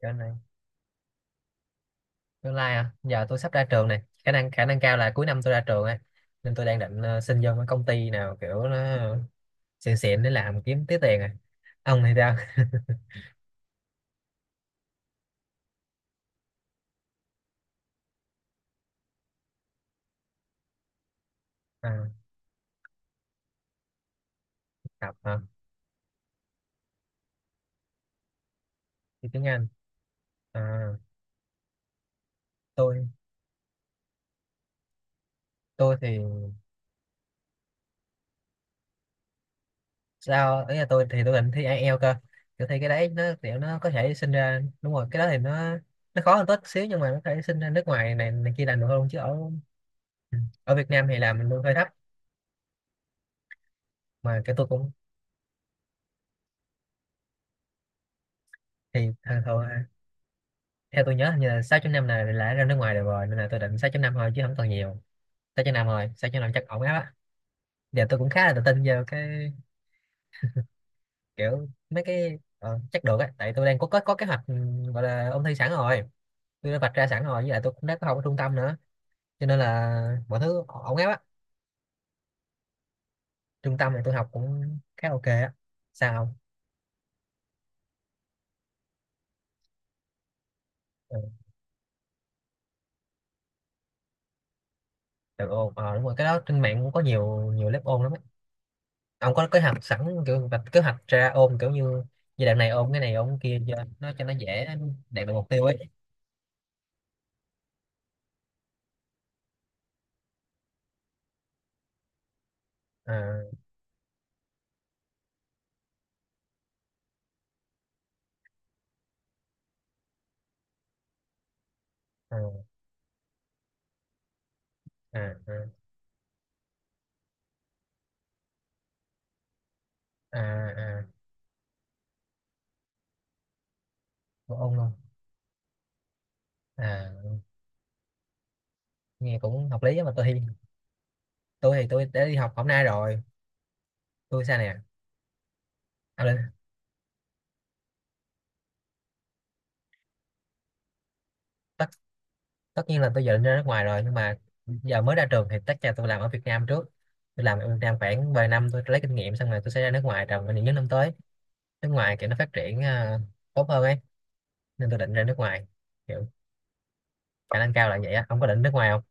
Cái này tương lai à, giờ tôi sắp ra trường này, khả năng cao là cuối năm tôi ra trường ấy, nên tôi đang định xin vô cái công ty nào kiểu nó xịn xịn để làm kiếm tí tiền à. Ông thì sao? À, học hả? Thi tiếng Anh. À, tôi tôi thì sao ấy, là tôi thì tôi định thi IELTS cơ. Kiểu thi cái đấy nó kiểu nó có thể sinh ra đúng rồi, cái đó thì nó khó hơn tốt xíu nhưng mà nó có thể sinh ra nước ngoài này này kia làm được hơn chứ ở. Ừ. Ở Việt Nam thì làm mình luôn hơi thấp, mà cái tôi cũng thì thường thường, theo tôi nhớ hình như là 6 năm này là ra nước ngoài được rồi, nên là tôi định 6 năm thôi chứ không cần nhiều. 6.5 rồi, 6 năm chắc ổn áp á. Giờ tôi cũng khá là tự tin vào cái kiểu mấy cái, chắc được á, tại tôi đang có kế hoạch, gọi là ôn thi sẵn rồi. Tôi đã vạch ra sẵn rồi, với lại tôi cũng đã có học ở trung tâm nữa, cho nên là mọi thứ ổn áp á. Trung tâm này tôi học cũng khá ok á. Sao không? Ừ, được ôn, đúng rồi, cái đó trên mạng cũng có nhiều nhiều lớp ôn lắm á. Ông có kế hoạch sẵn, kiểu vạch kế hoạch ra ôn, kiểu như giai đoạn này ôn cái kia cho nó dễ đạt được mục tiêu ấy. À, à, à, à, à, à. Bộ ôn luôn à? Nghe cũng hợp lý á, mà tôi thì, tôi đã đi học hôm nay rồi. Tôi sao nè? à, lên- tất Tất nhiên là tôi giờ định ra nước ngoài rồi, nhưng mà giờ mới ra trường thì tất cả tôi làm ở Việt Nam trước. Tôi làm ở Việt Nam khoảng vài năm, tôi lấy kinh nghiệm xong rồi tôi sẽ ra nước ngoài trong những năm tới. Nước ngoài kiểu nó phát triển, tốt hơn ấy, nên tôi định ra nước ngoài. Kiểu khả năng cao là vậy á, không có định nước ngoài không.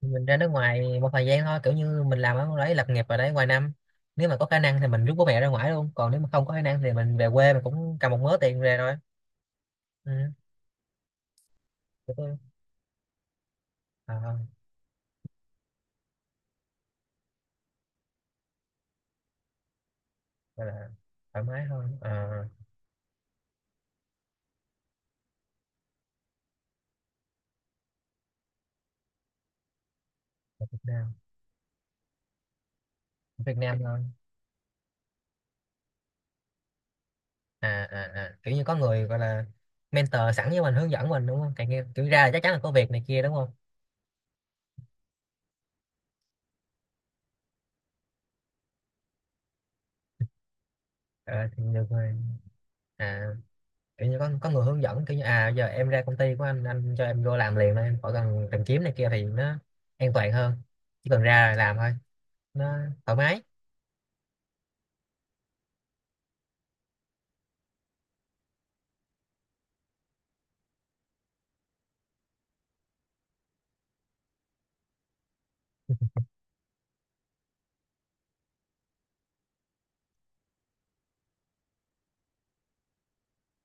Mình ra nước ngoài một thời gian thôi, kiểu như mình làm ở đấy, lập nghiệp ở đấy vài năm, nếu mà có khả năng thì mình rút bố mẹ ra ngoài luôn, còn nếu mà không có khả năng thì mình về quê mình cũng cầm một mớ tiền về rồi. Ừ. kiểu tôi- À, gọi là thoải mái hơn à. Việt Nam, Việt Nam thôi. À, à, à. Kiểu như có người gọi là mentor sẵn với mình, hướng dẫn mình đúng không, càng nghe kiểu ra là chắc chắn là có việc này kia đúng không. Ờ, thì được rồi. À, kiểu như có người hướng dẫn, kiểu như à giờ em ra công ty của anh cho em vô làm liền thôi, em khỏi cần tìm kiếm này kia, thì nó an toàn hơn. Chỉ cần ra là làm thôi. Nó thoải mái.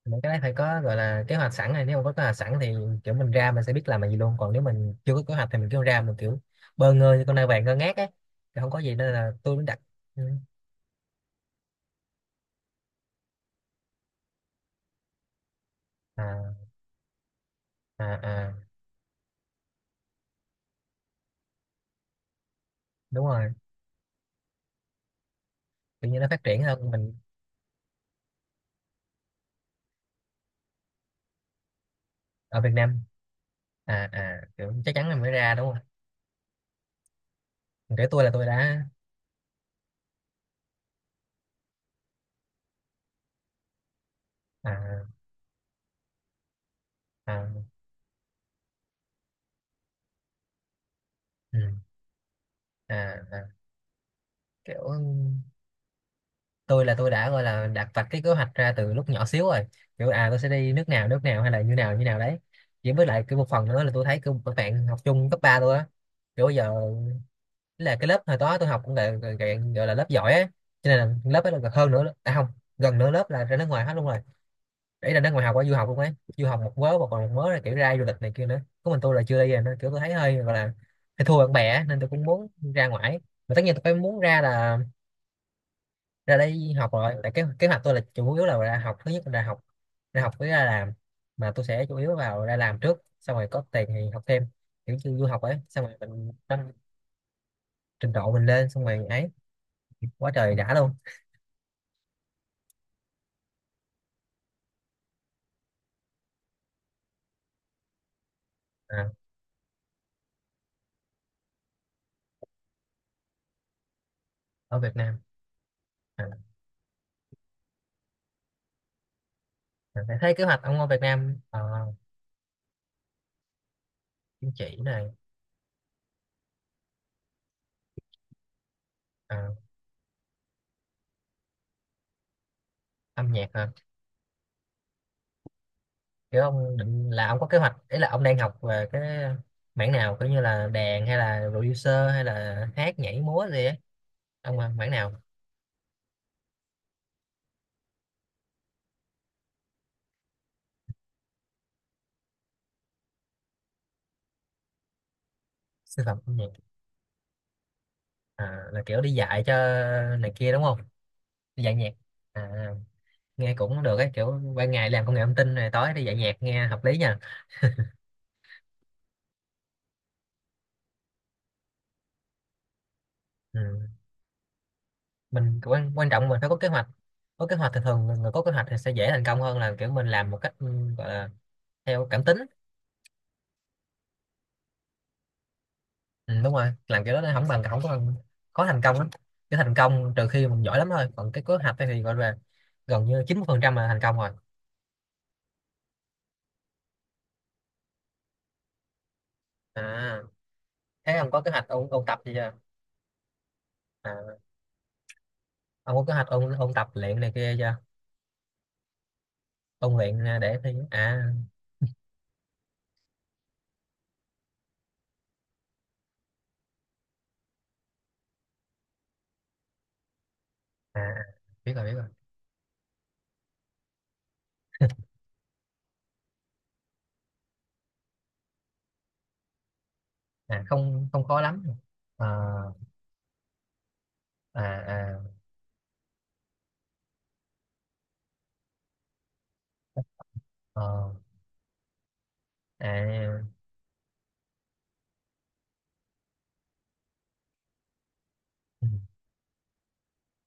Những cái đấy phải có gọi là kế hoạch sẵn này, nếu mà có kế hoạch sẵn thì kiểu mình ra mình sẽ biết làm là gì luôn, còn nếu mình chưa có kế hoạch thì mình cứ ra mình kiểu bơ ngơ như con nai vàng ngơ ngác ấy, thì không có gì, nên là tôi mới đặt. Ừ. À, à, à. Đúng rồi, kiểu như nó phát triển hơn mình. Ở Việt Nam. À, à, kiểu chắc chắn là mới ra đúng không. Kể tôi là tôi đã. À, à. Ừ. À, à, kiểu tôi là tôi đã gọi là đặt vạch cái kế hoạch ra từ lúc nhỏ xíu rồi. Kiểu à tôi sẽ đi nước nào hay là như nào đấy. Chỉ với lại cái một phần nữa là tôi thấy kiểu các bạn học chung cấp 3 tôi á, kiểu bây giờ là cái lớp hồi đó tôi học cũng là gọi, gọi gọi là lớp giỏi á. Cho nên là lớp ấy là gần hơn nữa, à không, gần nửa lớp là ra nước ngoài hết luôn rồi. Để ra nước ngoài học, qua du học luôn ấy, du học một mớ và còn một mớ là kiểu ra du lịch này kia nữa, có mình tôi là chưa đi rồi, nên kiểu tôi thấy hơi gọi là hơi thua bạn bè á, nên tôi cũng muốn ra ngoài. Mà tất nhiên tôi phải muốn ra là ra đây học rồi. Ừ. Tại kế hoạch tôi là chủ yếu là ra học, thứ nhất là ra học, ra học với ra làm, mà tôi sẽ chủ yếu vào ra làm trước xong rồi có tiền thì học thêm, kiểu như du học ấy, xong rồi mình tăng trình độ mình lên xong rồi ấy, quá trời đã luôn. À, ở Việt Nam. À, mình sẽ thấy kế hoạch ông ở Việt Nam, chính trị này, ờ, âm nhạc hả? Kiểu ông định là ông có kế hoạch, ý là ông đang học về cái mảng nào? Kiểu như là đàn hay là producer hay là hát nhảy múa gì ấy. Ông mảng nào? Sư phạm âm nhạc. À, là kiểu đi dạy cho này kia đúng không. Đi dạy nhạc. À, nghe cũng được ấy, kiểu ban ngày làm công nghệ thông tin này tối đi dạy nhạc nghe hợp lý nha. Ừ. Mình quan quan trọng mình phải có kế hoạch, có kế hoạch thì thường người có kế hoạch thì sẽ dễ thành công hơn là kiểu mình làm một cách, gọi là theo cảm tính. Ừ, đúng rồi, làm kiểu đó nó không bằng, không có bằng, khó thành công lắm. Cái thành công trừ khi mình giỏi lắm thôi, còn cái kế hoạch ấy thì gọi là gần như 90% là thành công rồi. À, thế ông có kế hoạch ôn ôn tập gì chưa? À, ông có kế hoạch ôn ôn tập luyện này kia chưa? Ôn luyện à, để thi à. À, biết rồi biết rồi. À không không khó lắm. À, à, à, ờ, à. Ừ.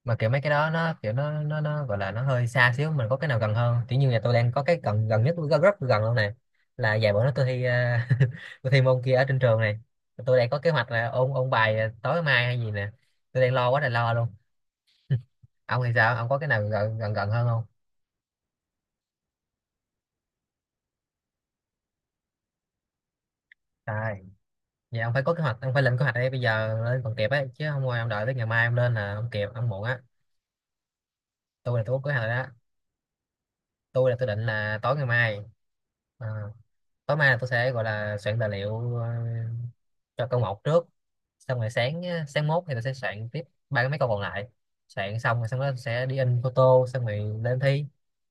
Mà kiểu mấy cái đó nó kiểu nó gọi là nó hơi xa xíu. Mình có cái nào gần hơn không? Kiểu như nhà tôi đang có cái gần gần nhất, rất, rất gần luôn này, là vài bữa nữa tôi thi, tôi thi môn kia ở trên trường này. Tôi đang có kế hoạch là ôn ôn bài tối mai hay gì nè. Tôi đang lo quá là lo luôn. Ông thì sao, ông có cái nào gần gần gần hơn không? À, vậy ông phải có kế hoạch, ông phải lên kế hoạch đây, bây giờ lên còn kịp ấy, chứ không thôi ông đợi tới ngày mai ông lên là ông kịp, ông muộn á. Tôi là tôi có kế hoạch rồi đó. Tôi là tôi định là tối ngày mai, à, tối mai là tôi sẽ gọi là soạn tài liệu cho câu một trước, xong rồi sáng á, sáng mốt thì tôi sẽ soạn tiếp ba cái mấy câu còn lại. Soạn xong rồi xong đó sẽ đi in photo xong rồi lên thi.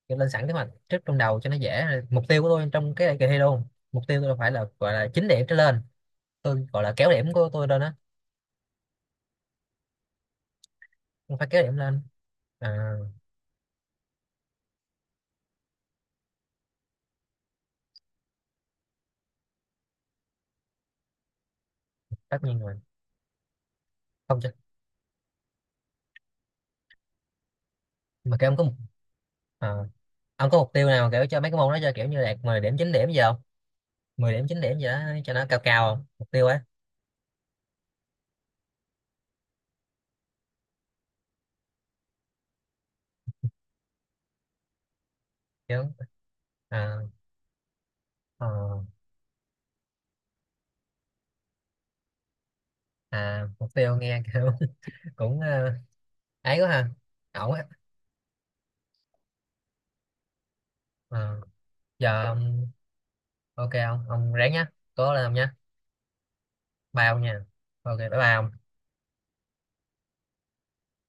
Kiểu lên sẵn kế hoạch trước trong đầu cho nó dễ. Mục tiêu của tôi trong cái kỳ thi luôn, mục tiêu tôi là phải là gọi là 9 điểm trở lên. Tôi gọi là kéo điểm của tôi lên á, không phải kéo điểm lên. À, tất nhiên rồi, không chứ. Mà kiểu ông có một, à, ông có mục tiêu nào kiểu cho mấy cái môn đó cho kiểu như đạt 10 điểm 9 điểm gì không? 10 điểm 9 điểm gì đó cho nó cao cao không, mục tiêu ấy kiểu. À, à, à, mục tiêu nghe kiểu cũng, ấy quá ha. Ổn á. Ờ, giờ ông- ok không? Ông ráng nhá, cố lên ông nhá. Bao nha, ok bye bye ông.